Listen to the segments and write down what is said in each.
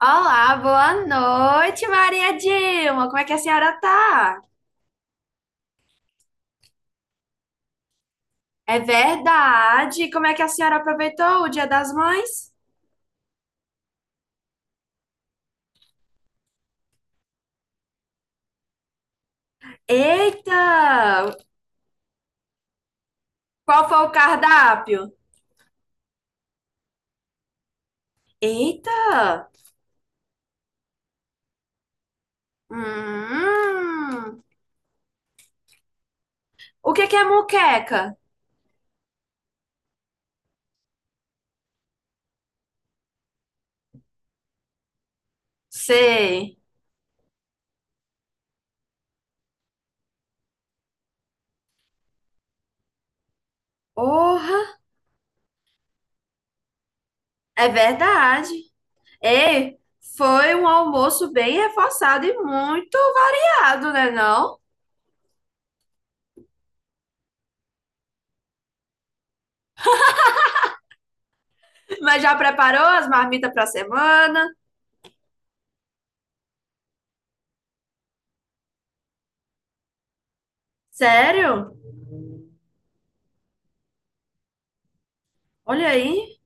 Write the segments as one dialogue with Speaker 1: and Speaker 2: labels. Speaker 1: Olá, boa noite, Maria Dilma. Como é que a senhora tá? É verdade. Como é que a senhora aproveitou o Dia das Mães? Eita! Qual foi o cardápio? Eita! Hum, o que que é moqueca? Sei. Orra, é verdade. Ei, foi um almoço bem reforçado e muito variado, né não? Mas já preparou as marmitas para a semana? Sério? Olha aí.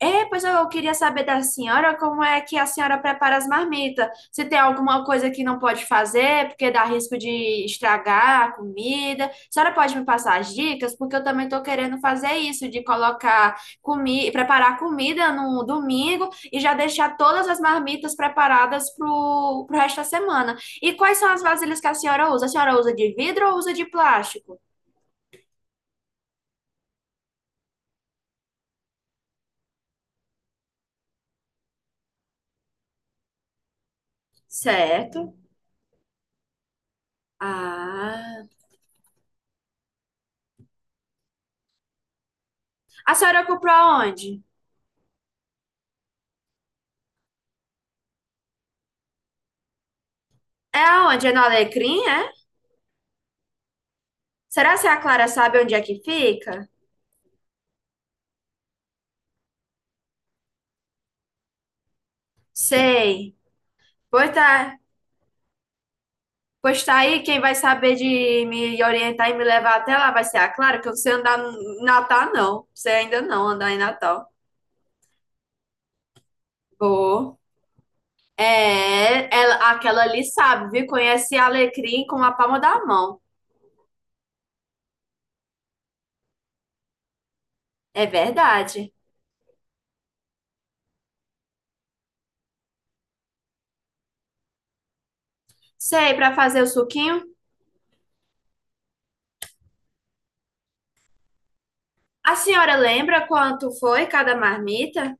Speaker 1: É, pois eu queria saber da senhora como é que a senhora prepara as marmitas, se tem alguma coisa que não pode fazer, porque dá risco de estragar a comida. A senhora pode me passar as dicas, porque eu também estou querendo fazer isso, de colocar comida, preparar comida no domingo e já deixar todas as marmitas preparadas para o resto da semana. E quais são as vasilhas que a senhora usa? A senhora usa de vidro ou usa de plástico? Certo. Ah. A senhora comprou aonde? É onde? É no Alecrim, é? Será que a Clara sabe onde é que fica? Sei. Pois tá, pois tá aí, quem vai saber de me orientar e me levar até lá vai ser a Clara, que eu não sei andar em Natal, não. Sei ainda não andar em Natal. Vou. É, ela, aquela ali sabe, viu? Conhece Alecrim com a palma da mão. É verdade. Sei, para fazer o suquinho. A senhora lembra quanto foi cada marmita?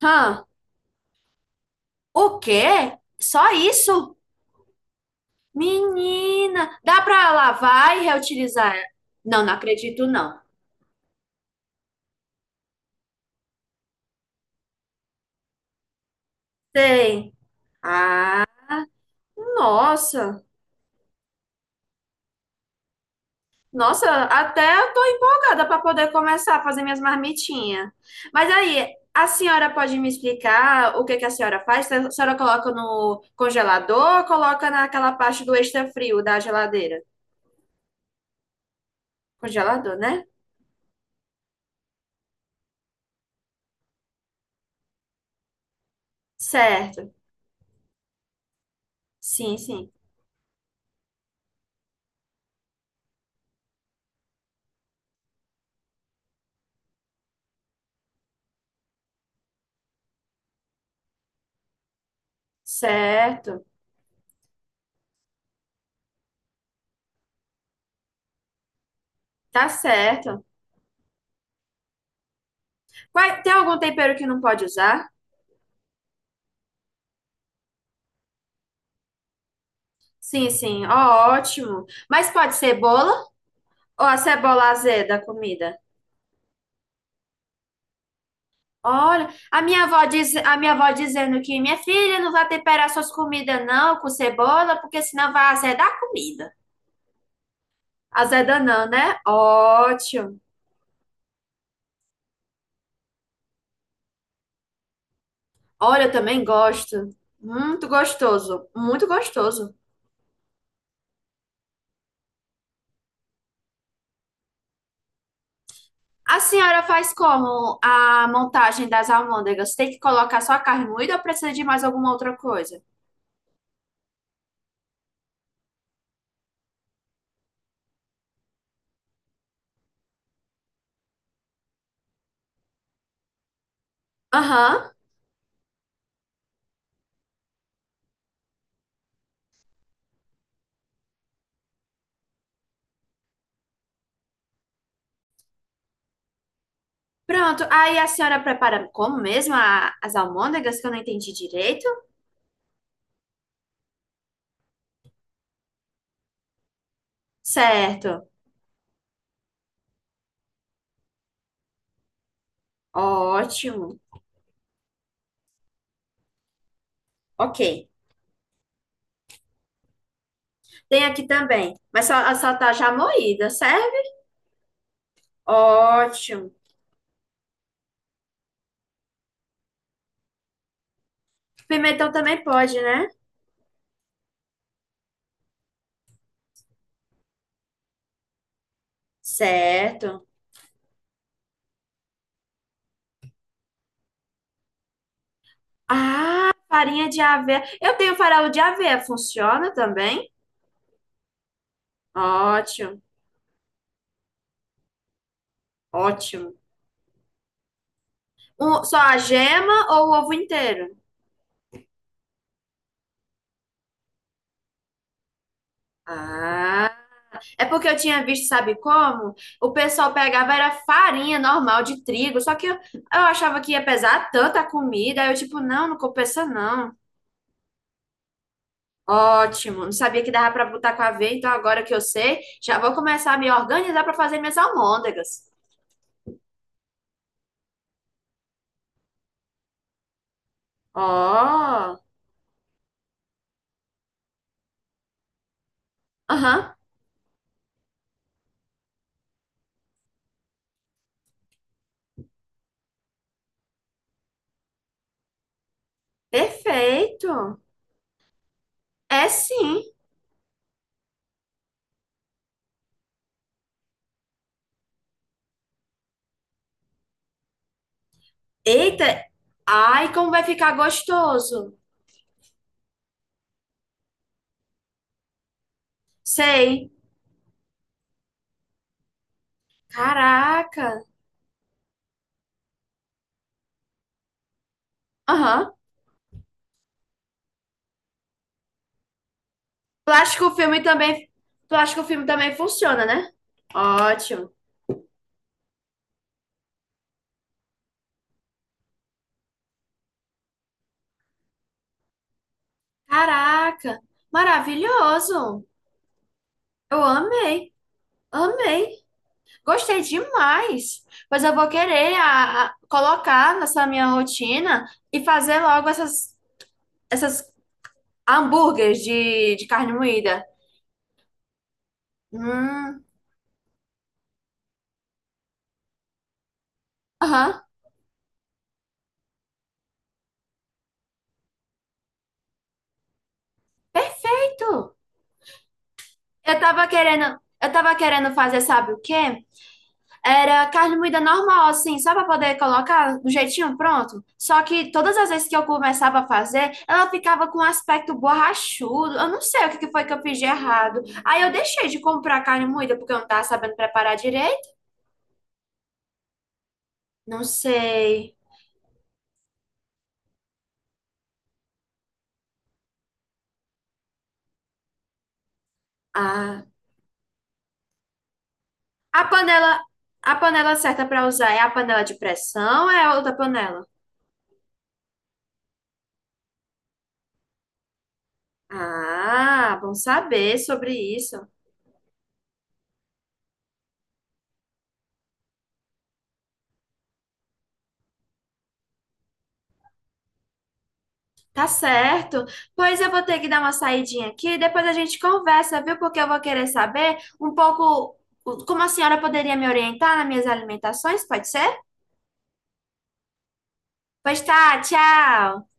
Speaker 1: Hã? O quê? Só isso? Menina, dá pra lavar e reutilizar? Não, não acredito, não. Tem. Ah, nossa. Nossa, até eu tô empolgada pra poder começar a fazer minhas marmitinhas. Mas aí, a senhora pode me explicar o que que a senhora faz? A senhora coloca no congelador ou coloca naquela parte do extra frio da geladeira? Congelador, né? Certo. Sim, sim. Certo. Tá certo. Qual- é, tem algum tempero que não pode usar? Sim, sim. Ó, ótimo. Mas pode cebola ou a cebola azeda a comida? Olha, a minha avó diz, a minha avó dizendo que minha filha não vai temperar suas comidas não com cebola, porque senão vai azedar a comida. Azeda não, né? Ótimo. Olha, eu também gosto. Muito gostoso, muito gostoso. A senhora faz como a montagem das almôndegas? Tem que colocar só a carne moída ou precisa de mais alguma outra coisa? Aham. Pronto, aí a senhora prepara como mesmo as almôndegas que eu não entendi direito? Certo, ótimo. Ok. Tem aqui também, mas só, só tá já moída, serve? Ótimo. Pimentão também pode, né? Certo. Ah, farinha de aveia. Eu tenho farelo de aveia, funciona também? Ótimo, ótimo. Um- só a gema ou o ovo inteiro? Ah. É porque eu tinha visto, sabe como? O pessoal pegava era farinha normal de trigo, só que eu achava que ia pesar tanta comida, aí eu tipo, não, não compensa não. Ótimo, não sabia que dava para botar com aveia, então agora que eu sei, já vou começar a me organizar para fazer minhas almôndegas. Ó, aham, perfeito. É sim. Eita, ai, como vai ficar gostoso. Sei. Caraca. Aham. Tu acha que o filme também, tu acha que o filme também funciona, né? Ótimo. Caraca, maravilhoso. Eu amei, amei. Gostei demais. Pois eu vou querer colocar nessa minha rotina e fazer logo essas hambúrgueres de carne moída. Hum, aham, perfeito. Eu tava querendo fazer, sabe o quê? Era carne moída normal, assim, só para poder colocar do jeitinho pronto. Só que todas as vezes que eu começava a fazer, ela ficava com um aspecto borrachudo. Eu não sei o que que foi que eu fiz de errado. Aí eu deixei de comprar carne moída porque eu não tava sabendo preparar direito. Não sei. Ah, a panela, a panela certa para usar é a panela de pressão ou é outra panela? Ah, bom saber sobre isso. Tá certo. Pois eu vou ter que dar uma saidinha aqui, depois a gente conversa, viu? Porque eu vou querer saber um pouco como a senhora poderia me orientar nas minhas alimentações, pode ser? Pois tá, tchau.